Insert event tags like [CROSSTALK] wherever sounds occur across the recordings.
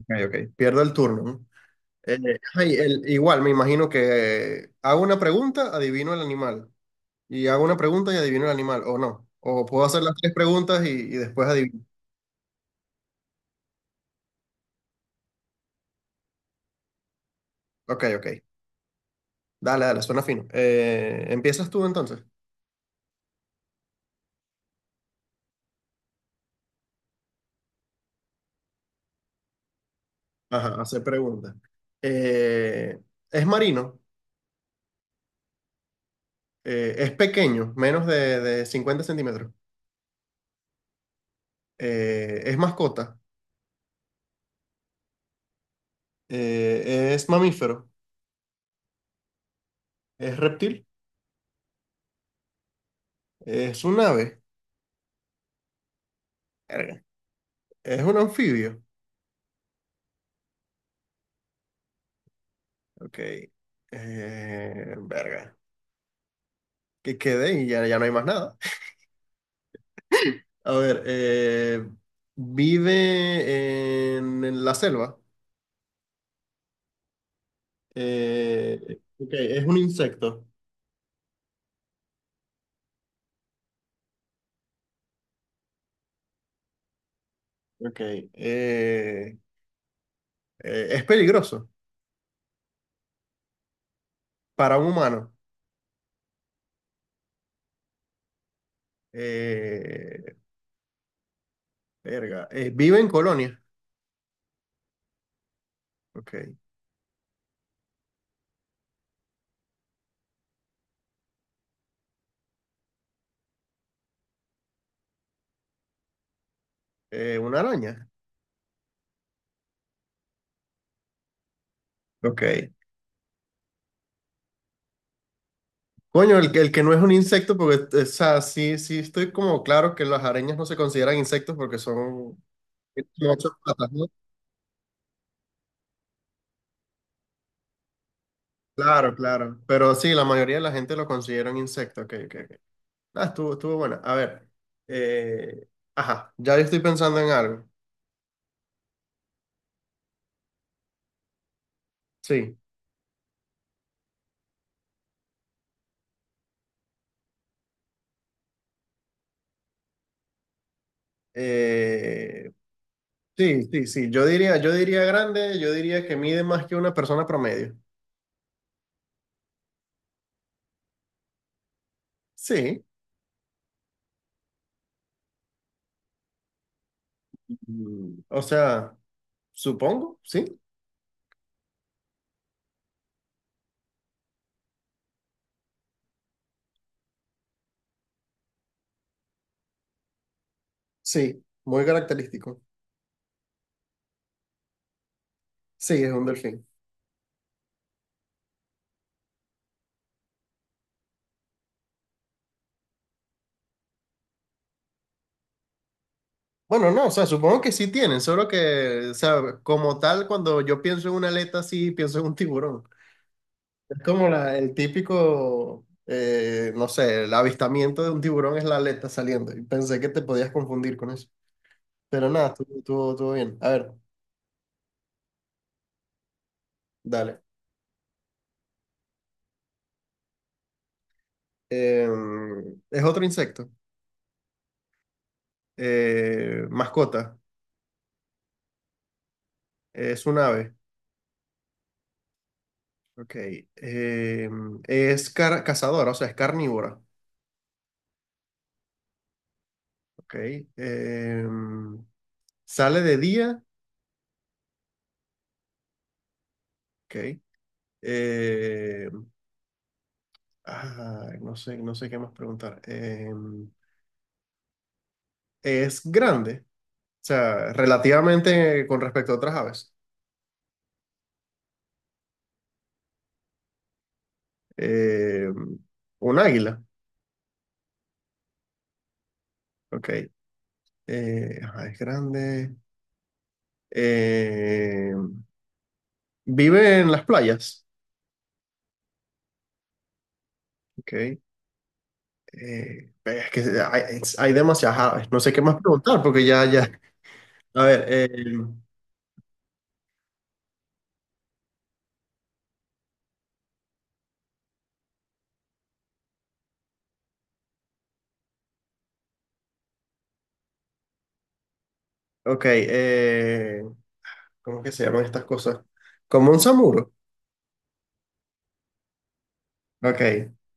Ok, ok. Pierdo el turno, ¿no? Ay, igual, me imagino que hago una pregunta, adivino el animal. Y hago una pregunta y adivino el animal, o no. O puedo hacer las tres preguntas y después adivino. Ok, ok. Dale, dale, suena fino. ¿Empiezas tú entonces? Ajá, hacer preguntas. Eh, es marino. Es pequeño, menos de 50 cm. Es mascota. Es mamífero. Es reptil. Es un ave. Verga. Es un anfibio. Ok. Verga. Que quede y ya, ya no hay más nada. [LAUGHS] A ver, vive en la selva. Ok, es un insecto. Ok. eh, es peligroso para un humano. Eh, Verga. Vive en colonia. Ok. Una araña. Ok. Coño, que el que no es un insecto, porque, o sea, sí, sí estoy como claro que las arañas no se consideran insectos porque tienen ocho patas, ¿no? Claro, claro. Pero sí, la mayoría de la gente lo considera un insecto. Ok, ok, ok. Ah, estuvo buena. A ver. eh, ajá, ya yo estoy pensando en algo. Sí. eh, sí, sí, sí. Yo diría grande, yo diría que mide más que una persona promedio. Sí. O sea, supongo, sí. Sí, muy característico. Sí, es un delfín. Bueno, no, o sea, supongo que sí tienen, solo que, o sea, como tal, cuando yo pienso en una aleta, sí pienso en un tiburón. Es como el típico, no sé, el avistamiento de un tiburón es la aleta saliendo. Y pensé que te podías confundir con eso. Pero nada, estuvo bien. A ver, dale. Eh, es otro insecto. Mascota. Es un ave. Ok. Eh, es cazadora, o sea, es carnívora. Ok. Eh, Sale de día. Ok. Eh, ah, no sé qué más preguntar. Es grande. O sea, relativamente con respecto a otras aves. Eh, un águila. Ok. Ajá, es grande. Eh, Vive en las playas. Ok. Es que hay demasiadas aves. No sé qué más preguntar porque ya, ya. A ver, ok. ¿Cómo que se llaman estas cosas? Como un samuro. Ok.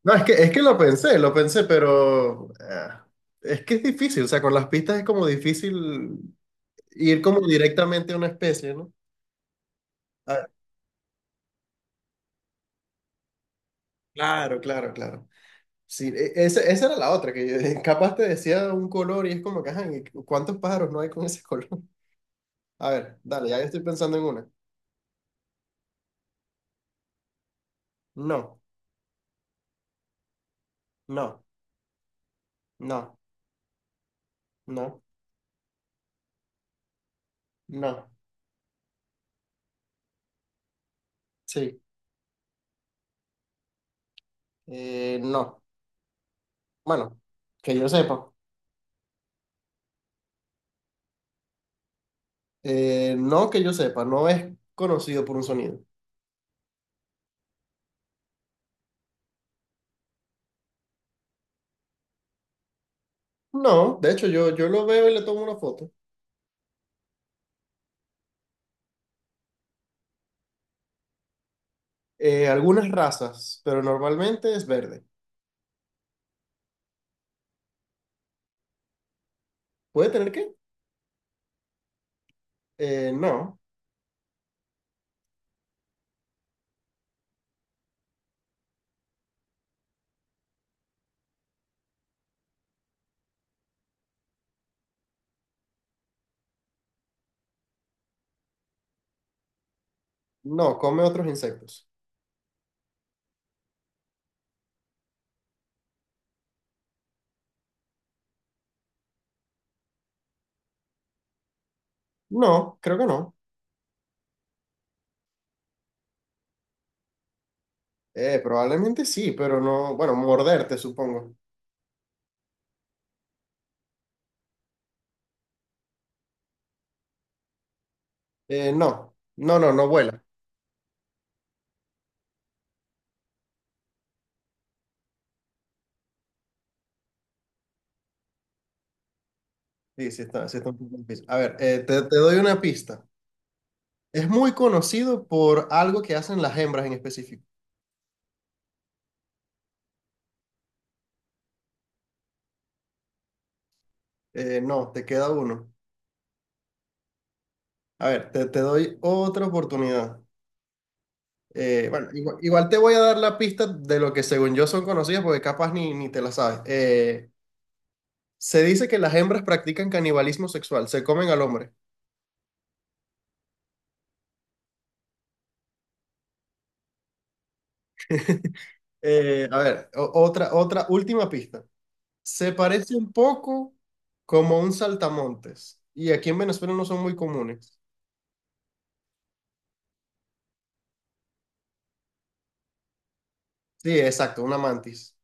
No, es que lo pensé, pero, ah, es que es difícil, o sea, con las pistas es como difícil ir como directamente a una especie, ¿no? Ah, claro, claro, claro. Sí, esa era la otra, [LAUGHS] capaz te decía un color y es como que, ajá, ¿y cuántos pájaros no hay con ese color? [LAUGHS] A ver, dale, ya yo estoy pensando en una. No, no, no, no, no, sí, no. Bueno, que yo sepa. No que yo sepa, no es conocido por un sonido. No, de hecho yo lo veo y le tomo una foto. Algunas razas, pero normalmente es verde. ¿Puede tener qué? No. No, come otros insectos. No, creo que no. Probablemente sí, pero no. Bueno, morderte, supongo. No, no, no, no vuela. Sí, sí está un poco difícil. A ver, te doy una pista. Es muy conocido por algo que hacen las hembras en específico. No, te queda uno. A ver, te doy otra oportunidad. Bueno, igual te voy a dar la pista de lo que según yo son conocidas, porque capaz ni te la sabes. Se dice que las hembras practican canibalismo sexual, se comen al hombre. A ver, otra última pista. Se parece un poco como a un saltamontes. Y aquí en Venezuela no son muy comunes. Sí, exacto, una mantis.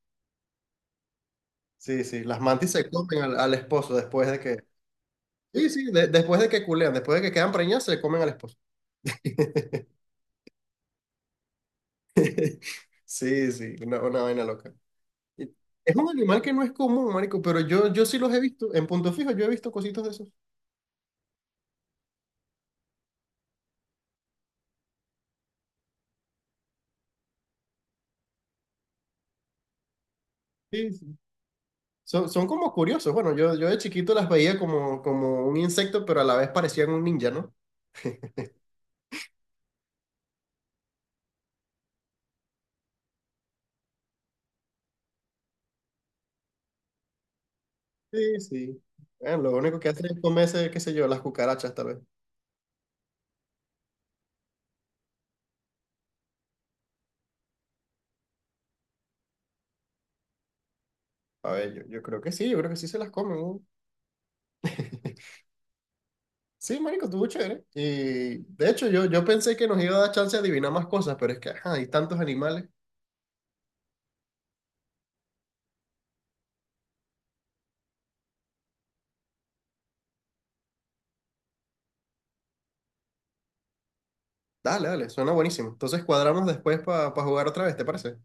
Sí, sí, las mantis se comen al esposo después de que... Sí, sí, después de que culean, después de que quedan preñadas, se comen al esposo. [LAUGHS] Sí, sí, una vaina loca. Y Es un animal que no es común, marico, pero yo sí los he visto. En Punto Fijo yo he visto cositas de esos. Sí, sí. Son como curiosos. Bueno, yo de chiquito las veía como un insecto, pero a la vez parecían un ninja, ¿no? Sí, sí. Bueno, lo único que hacen es comerse, qué sé yo, las cucarachas tal vez. A ver, yo creo que sí, yo creo que sí se las comen, ¿no? [LAUGHS] Sí, marico, estuvo chévere. Y de hecho, yo pensé que nos iba a dar chance de adivinar más cosas, pero es que, ajá, hay tantos animales. Dale, dale, suena buenísimo. Entonces cuadramos después para jugar otra vez, ¿te parece?